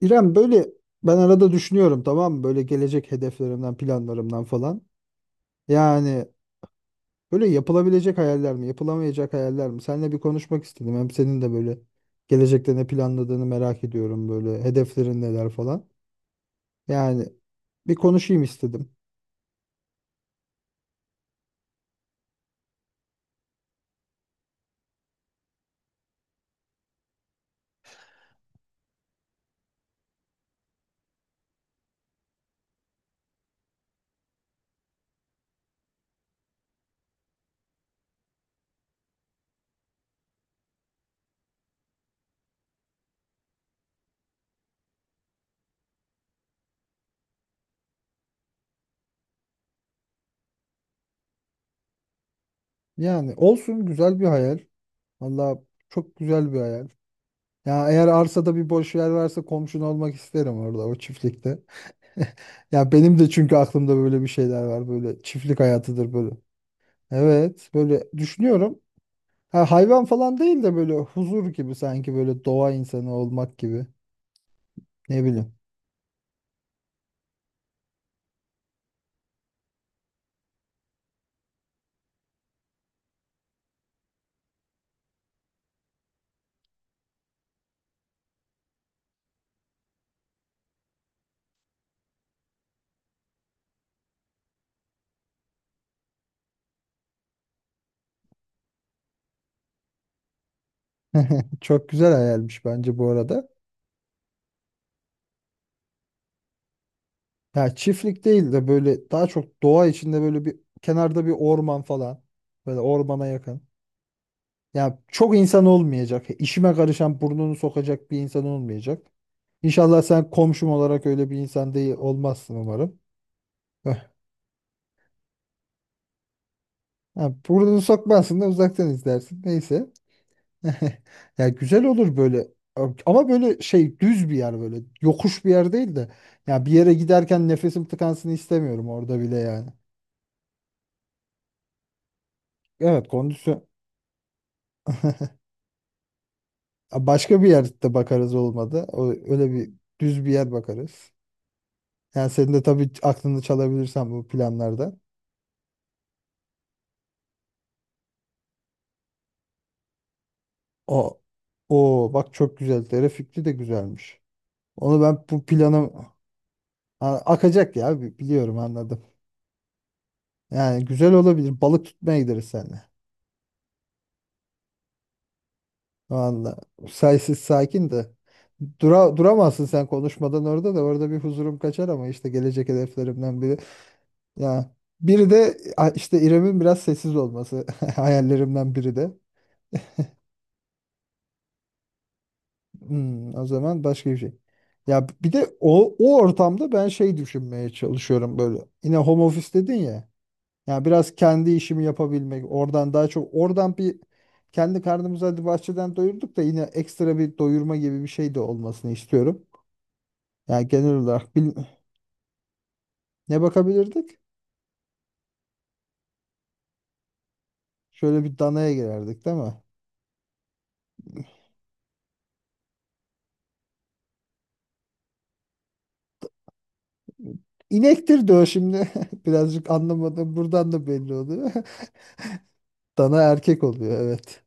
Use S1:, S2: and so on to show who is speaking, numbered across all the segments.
S1: İrem böyle ben arada düşünüyorum tamam mı? Böyle gelecek hedeflerimden, planlarımdan falan. Yani böyle yapılabilecek hayaller mi, yapılamayacak hayaller mi? Seninle bir konuşmak istedim. Hem senin de böyle gelecekte ne planladığını merak ediyorum böyle hedeflerin neler falan. Yani bir konuşayım istedim. Yani olsun güzel bir hayal. Valla çok güzel bir hayal. Ya eğer arsada bir boş yer varsa komşun olmak isterim orada o çiftlikte. Ya benim de çünkü aklımda böyle bir şeyler var. Böyle çiftlik hayatıdır böyle. Evet, böyle düşünüyorum. Ha, hayvan falan değil de böyle huzur gibi sanki böyle doğa insanı olmak gibi. Ne bileyim. Çok güzel hayalmiş bence bu arada. Ya çiftlik değil de böyle daha çok doğa içinde böyle bir kenarda bir orman falan. Böyle ormana yakın. Ya çok insan olmayacak. İşime karışan burnunu sokacak bir insan olmayacak. İnşallah sen komşum olarak öyle bir insan değil olmazsın umarım. Eh, ha, burnunu sokmazsın da uzaktan izlersin. Neyse. Ya güzel olur böyle ama böyle şey düz bir yer böyle yokuş bir yer değil de ya bir yere giderken nefesim tıkansın istemiyorum orada bile yani. Evet kondisyon. Ya başka bir yerde bakarız olmadı. O, öyle bir düz bir yer bakarız. Yani senin de tabii aklını çalabilirsen bu planlarda. O o bak çok güzel. Dere fikri de güzelmiş. Onu ben bu planım. Ha, akacak ya biliyorum anladım. Yani güzel olabilir. Balık tutmaya gideriz seninle. Vallahi saysiz sakin de. Duramazsın sen konuşmadan orada da orada bir huzurum kaçar ama işte gelecek hedeflerimden biri. Ya biri de işte İrem'in biraz sessiz olması hayallerimden biri de. O zaman başka bir şey. Ya bir de o ortamda ben şey düşünmeye çalışıyorum böyle. Yine home office dedin ya. Ya biraz kendi işimi yapabilmek. Oradan daha çok oradan bir kendi karnımızı hadi bahçeden doyurduk da yine ekstra bir doyurma gibi bir şey de olmasını istiyorum. Yani genel olarak bil- ne bakabilirdik? Şöyle bir danaya girerdik değil mi? İnektir diyor şimdi. Birazcık anlamadım. Buradan da belli oluyor. Dana erkek oluyor evet.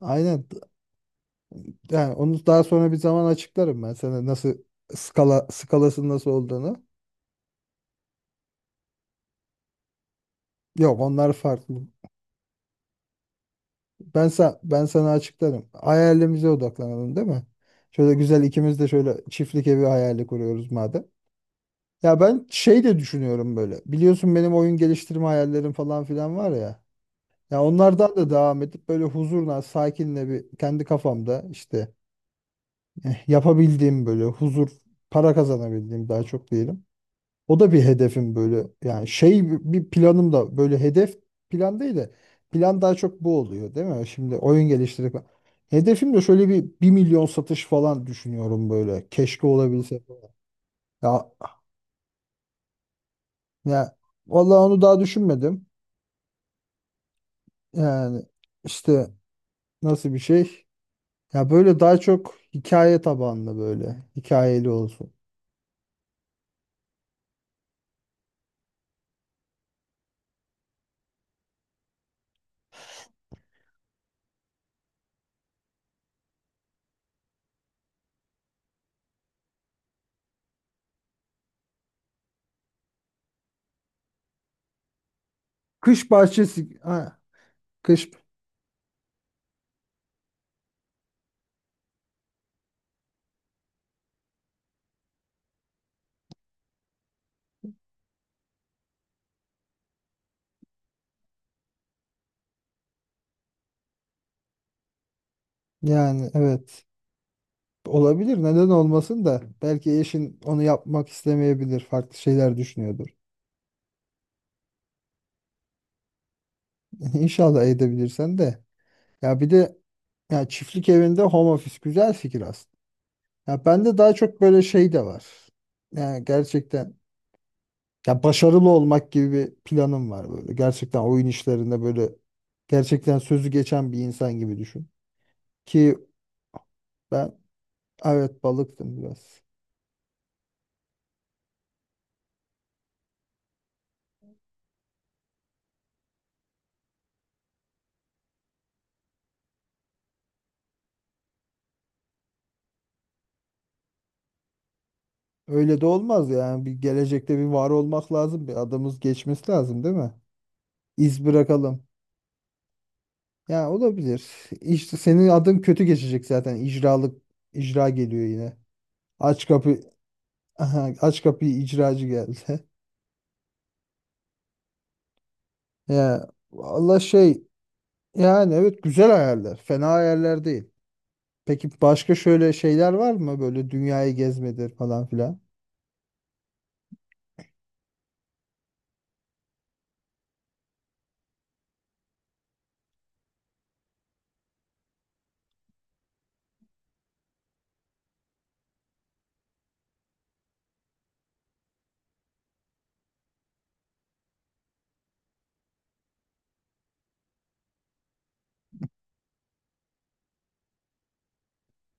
S1: Aynen. Yani onu daha sonra bir zaman açıklarım ben sana nasıl skalasının nasıl olduğunu. Yok onlar farklı. Ben sana açıklarım. Hayalimize odaklanalım değil mi? Şöyle güzel ikimiz de şöyle çiftlik evi hayali kuruyoruz madem. Ya ben şey de düşünüyorum böyle. Biliyorsun benim oyun geliştirme hayallerim falan filan var ya. Ya onlardan da devam edip böyle huzurla, sakinle bir kendi kafamda işte eh, yapabildiğim böyle huzur, para kazanabildiğim daha çok diyelim. O da bir hedefim böyle. Yani şey bir planım da böyle hedef plan değil de plan daha çok bu oluyor değil mi? Şimdi oyun geliştirip hedefim de şöyle bir 1 milyon satış falan düşünüyorum böyle. Keşke olabilse falan. Ya, ya vallahi onu daha düşünmedim. Yani işte nasıl bir şey? Ya böyle daha çok hikaye tabanlı böyle. Hikayeli olsun. Kış bahçesi. Ha, kış. Yani evet. Olabilir. Neden olmasın da. Belki eşin onu yapmak istemeyebilir. Farklı şeyler düşünüyordur. İnşallah edebilirsen de. Ya bir de ya çiftlik evinde home office güzel fikir aslında. Ya bende daha çok böyle şey de var. Yani gerçekten. Ya başarılı olmak gibi bir planım var böyle. Gerçekten oyun işlerinde böyle gerçekten sözü geçen bir insan gibi düşün. Ki ben evet balıktım biraz. Öyle de olmaz yani bir gelecekte bir var olmak lazım. Bir adımız geçmesi lazım değil mi? İz bırakalım. Ya olabilir. İşte senin adın kötü geçecek zaten. İcra geliyor yine. Aç kapı. Aha, aç kapıyı icracı geldi. Ya valla şey yani evet güzel hayaller. Fena hayaller değil. Peki başka şöyle şeyler var mı? Böyle dünyayı gezmedir falan filan.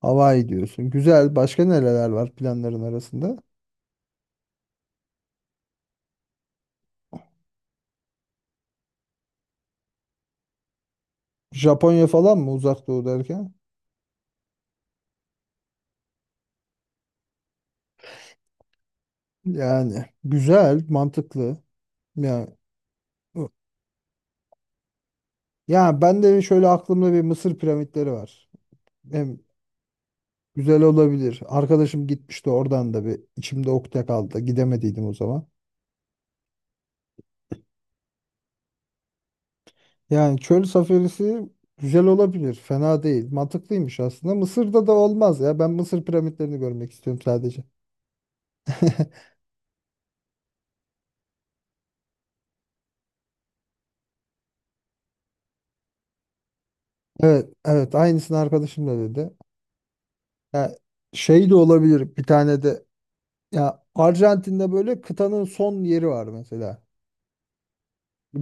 S1: Hawaii diyorsun. Güzel. Başka nereler var planların arasında? Japonya falan mı uzak doğu derken? Yani güzel, mantıklı. Yani ya ben de şöyle aklımda bir Mısır piramitleri var. Hem güzel olabilir. Arkadaşım gitmişti oradan da bir içimde ukde kaldı. Gidemediydim o zaman. Yani çöl safarisi güzel olabilir. Fena değil. Mantıklıymış aslında. Mısır'da da olmaz ya. Ben Mısır piramitlerini görmek istiyorum sadece. Evet, evet, aynısını arkadaşım da dedi. Ya şey de olabilir bir tane de ya Arjantin'de böyle kıtanın son yeri var mesela.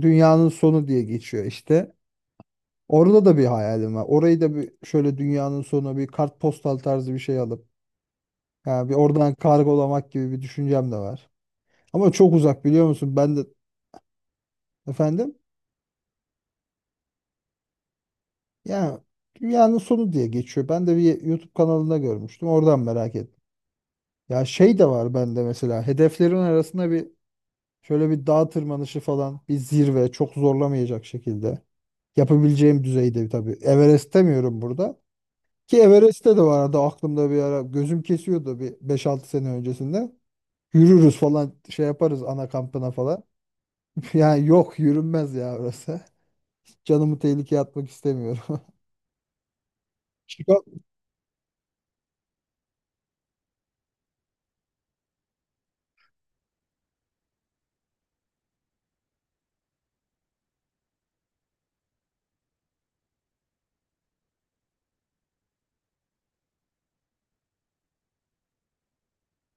S1: Dünyanın sonu diye geçiyor işte. Orada da bir hayalim var. Orayı da bir şöyle dünyanın sonu bir kartpostal tarzı bir şey alıp yani bir oradan kargolamak gibi bir düşüncem de var. Ama çok uzak biliyor musun? Ben de efendim ya dünyanın sonu diye geçiyor. Ben de bir YouTube kanalında görmüştüm. Oradan merak ettim. Ya şey de var bende mesela hedeflerin arasında bir şöyle bir dağ tırmanışı falan bir zirve çok zorlamayacak şekilde yapabileceğim düzeyde tabii. Everest demiyorum burada. Ki Everest'te de vardı aklımda bir ara. Gözüm kesiyordu bir 5-6 sene öncesinde. Yürürüz falan şey yaparız ana kampına falan. Yani yok yürünmez ya orası. Hiç canımı tehlikeye atmak istemiyorum. Chica-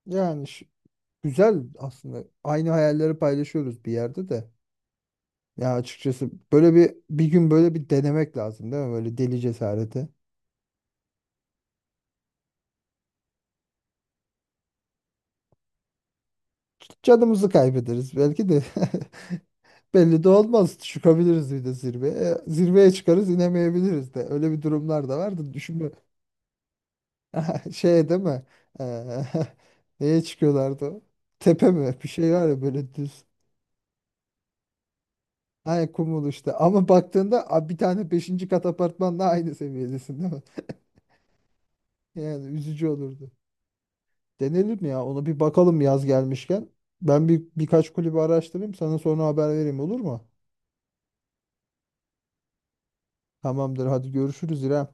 S1: Yani güzel aslında. Aynı hayalleri paylaşıyoruz bir yerde de. Ya açıkçası böyle bir gün böyle bir denemek lazım değil mi? Böyle deli cesareti. Canımızı kaybederiz belki de. Belli de olmaz. Çıkabiliriz bir de zirveye. Zirveye çıkarız inemeyebiliriz de. Öyle bir durumlar da vardı. Düşünme. Şey değil mi? Eee, neye çıkıyorlardı? Tepe mi? Bir şey var ya böyle düz. Ay kumul işte. Ama baktığında bir tane beşinci kat apartmanla aynı seviyedesin değil mi? Yani üzücü olurdu. Denelim ya. Ona bir bakalım yaz gelmişken. Ben birkaç kulübü araştırayım. Sana sonra haber vereyim olur mu? Tamamdır. Hadi görüşürüz İrem.